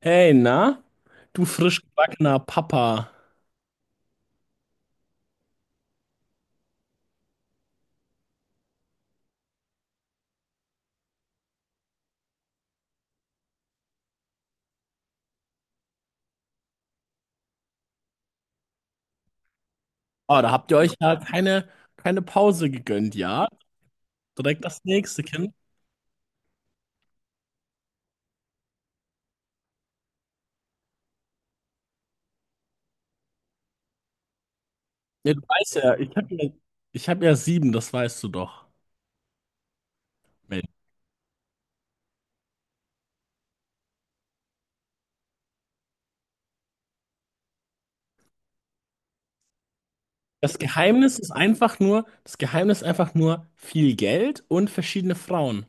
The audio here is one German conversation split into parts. Hey, na? Du frisch gebackener Papa. Oh, da habt ihr euch ja keine Pause gegönnt, ja? Direkt das nächste Kind. Ja, du weißt ja, ich hab ja sieben, das weißt du doch. Mensch. Das Geheimnis ist einfach nur viel Geld und verschiedene Frauen.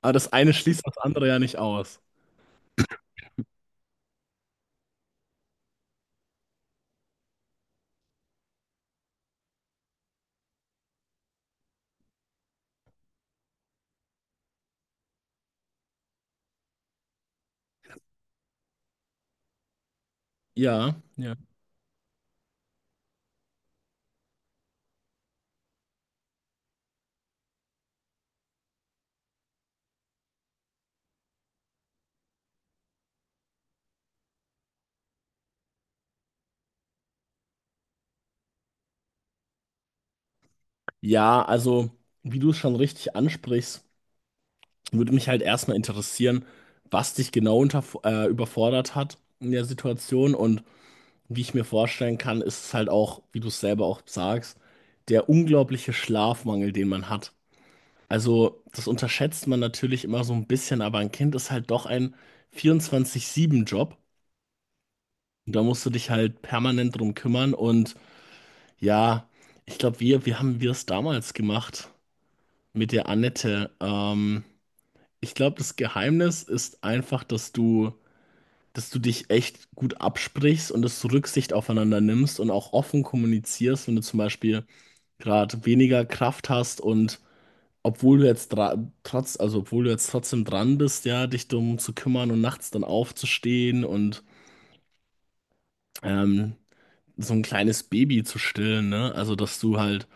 Aber das eine schließt das andere ja nicht aus. Ja, ja. Ja, also, wie du es schon richtig ansprichst. Würde mich halt erstmal interessieren, was dich genau überfordert hat in der Situation und wie ich mir vorstellen kann, ist es halt auch, wie du es selber auch sagst, der unglaubliche Schlafmangel, den man hat. Also, das unterschätzt man natürlich immer so ein bisschen, aber ein Kind ist halt doch ein 24/7 Job, und da musst du dich halt permanent drum kümmern. Und ja, ich glaube, wie haben wir es damals gemacht mit der Annette? Ich glaube, das Geheimnis ist einfach, dass du dich echt gut absprichst und dass du Rücksicht aufeinander nimmst und auch offen kommunizierst, wenn du zum Beispiel gerade weniger Kraft hast, und obwohl du jetzt also obwohl du jetzt trotzdem dran bist, ja, dich darum zu kümmern und nachts dann aufzustehen und ähm, so ein kleines Baby zu stillen, ne? Also dass du halt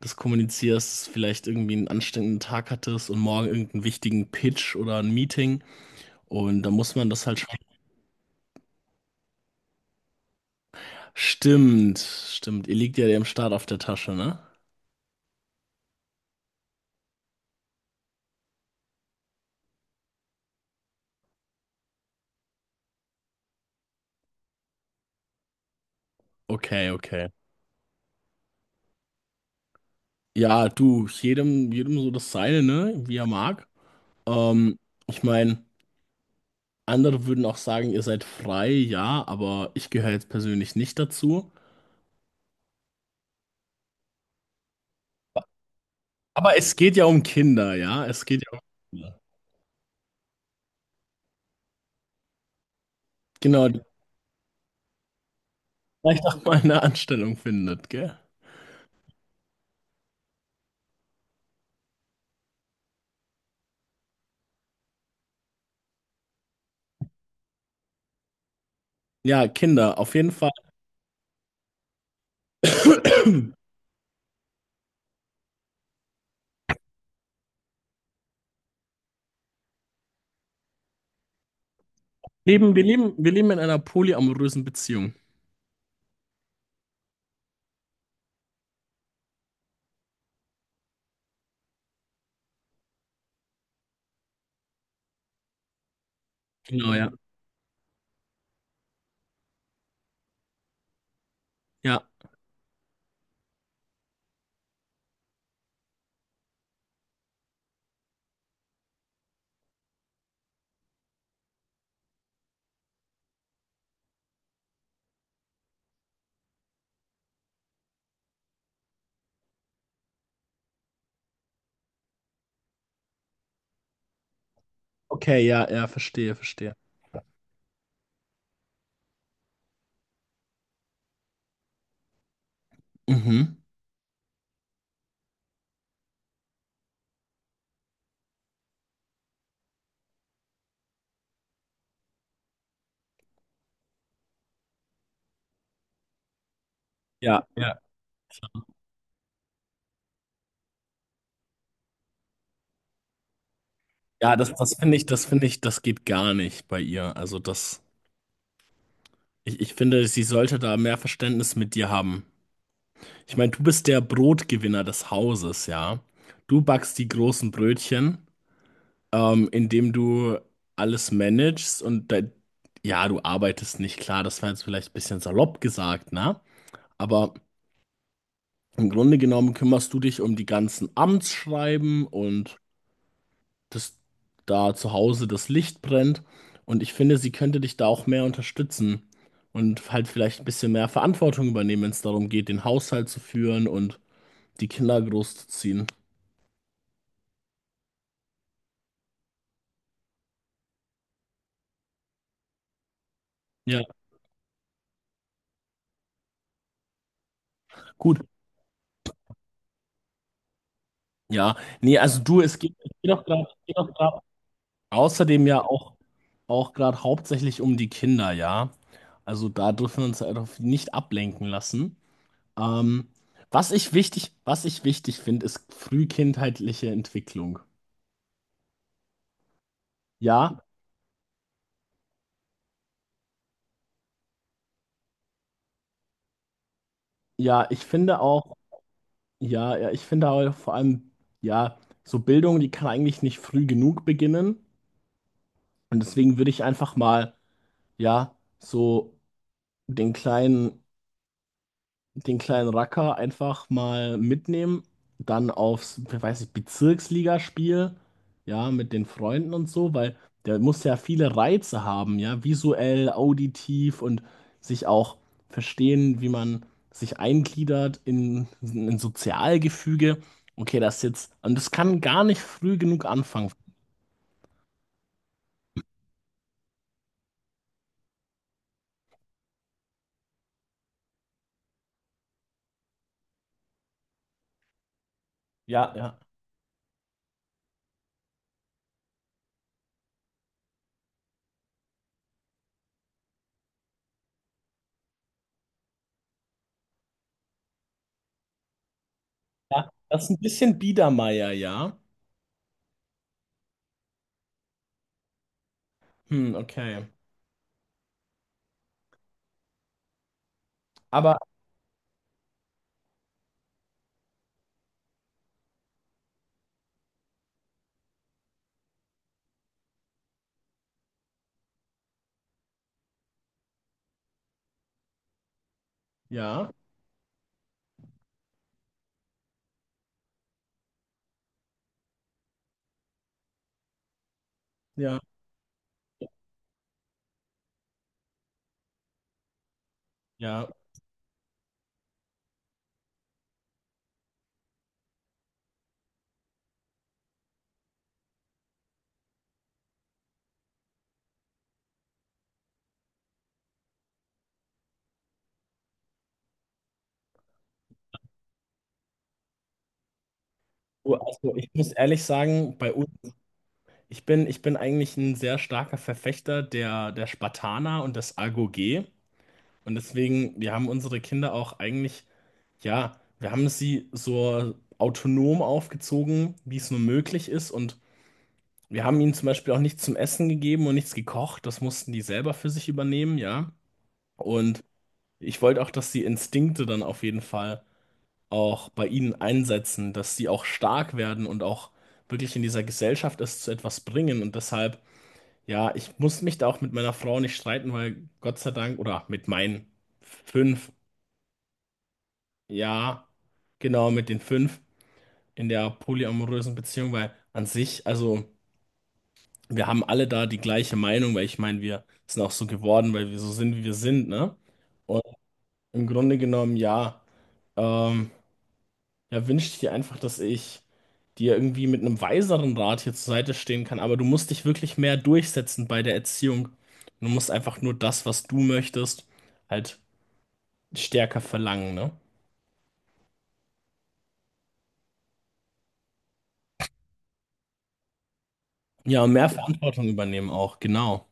das kommunizierst, dass du vielleicht irgendwie einen anstrengenden Tag hattest und morgen irgendeinen wichtigen Pitch oder ein Meeting, und da muss man das halt. Stimmt, stimmt. Ihr liegt ja dem Staat auf der Tasche, ne? Okay, okay. Ja, du, jedem so das Seine, ne? Wie er mag. Ähm, ich meine, andere würden auch sagen, ihr seid frei, ja, aber ich gehöre jetzt persönlich nicht dazu. Aber es geht ja um Kinder, ja? Es geht ja um Kinder. Genau, die vielleicht auch mal eine Anstellung findet, gell? Ja, Kinder, auf jeden Fall. Wir leben in einer polyamorösen Beziehung. Genau, ja. Ja. Okay, ja, ja, verstehe, verstehe. Mhm. Ja, ja. Ja, das finde ich, das geht gar nicht bei ihr. Also das, ich finde, sie sollte da mehr Verständnis mit dir haben. Ich meine, du bist der Brotgewinner des Hauses, ja. Du backst die großen Brötchen, indem du alles managst und ja, du arbeitest nicht. Klar, das war jetzt vielleicht ein bisschen salopp gesagt, ne? Aber im Grunde genommen kümmerst du dich um die ganzen Amtsschreiben und dass da zu Hause das Licht brennt. Und ich finde, sie könnte dich da auch mehr unterstützen und halt vielleicht ein bisschen mehr Verantwortung übernehmen, wenn es darum geht, den Haushalt zu führen und die Kinder großzuziehen. Ja, gut. Ja, nee, also du, es geht auch gerade außerdem ja auch, auch gerade hauptsächlich um die Kinder, ja. Also da dürfen wir uns halt auch nicht ablenken lassen. Ähm, was ich wichtig finde, ist frühkindheitliche Entwicklung. Ja, Ja, ich finde auch, ja, ja, ich finde auch vor allem, ja, so Bildung, die kann eigentlich nicht früh genug beginnen. Und deswegen würde ich einfach mal, ja, so den kleinen den kleinen Racker einfach mal mitnehmen, dann aufs, weiß ich, Bezirksligaspiel, ja, mit den Freunden und so, weil der muss ja viele Reize haben, ja, visuell, auditiv und sich auch verstehen, wie man sich eingliedert in ein Sozialgefüge. Okay, das jetzt, und das kann gar nicht früh genug anfangen. Ja, ja. Ja, das ist ein bisschen Biedermeier, ja. Hm, okay. Aber ja, ja, ja. Oh, also ich muss ehrlich sagen, bei uns, ich bin eigentlich ein sehr starker Verfechter der Spartaner und des AGOG. Und deswegen, wir haben unsere Kinder auch eigentlich, ja, wir haben sie so autonom aufgezogen, wie es nur möglich ist. Und wir haben ihnen zum Beispiel auch nichts zum Essen gegeben und nichts gekocht. Das mussten die selber für sich übernehmen, ja. Und ich wollte auch, dass die Instinkte dann auf jeden Fall auch bei ihnen einsetzen, dass die auch stark werden und auch wirklich in dieser Gesellschaft es zu etwas bringen. Und deshalb, ja, ich muss mich da auch mit meiner Frau nicht streiten, weil Gott sei Dank, oder mit meinen 5, ja, genau, mit den 5 in der polyamorösen Beziehung, weil an sich, also wir haben alle da die gleiche Meinung, weil ich meine, wir sind auch so geworden, weil wir so sind, wie wir sind, ne? Und im Grunde genommen, ja, ähm, ja, wünschte ich dir einfach, dass ich die ja irgendwie mit einem weiseren Rat hier zur Seite stehen kann, aber du musst dich wirklich mehr durchsetzen bei der Erziehung. Du musst einfach nur das, was du möchtest, halt stärker verlangen, ne? Ja, und mehr Verantwortung übernehmen auch, genau.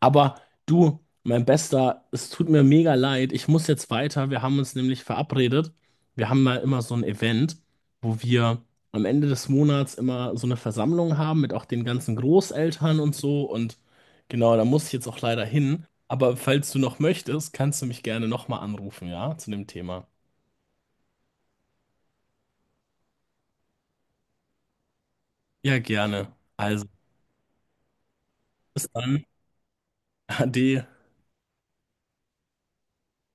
Aber du, mein Bester, es tut mir mega leid. Ich muss jetzt weiter. Wir haben uns nämlich verabredet. Wir haben mal immer so ein Event, wo wir am Ende des Monats immer so eine Versammlung haben mit auch den ganzen Großeltern und so. Und genau, da muss ich jetzt auch leider hin. Aber falls du noch möchtest, kannst du mich gerne nochmal anrufen, ja, zu dem Thema. Ja, gerne. Also, bis dann. Ade.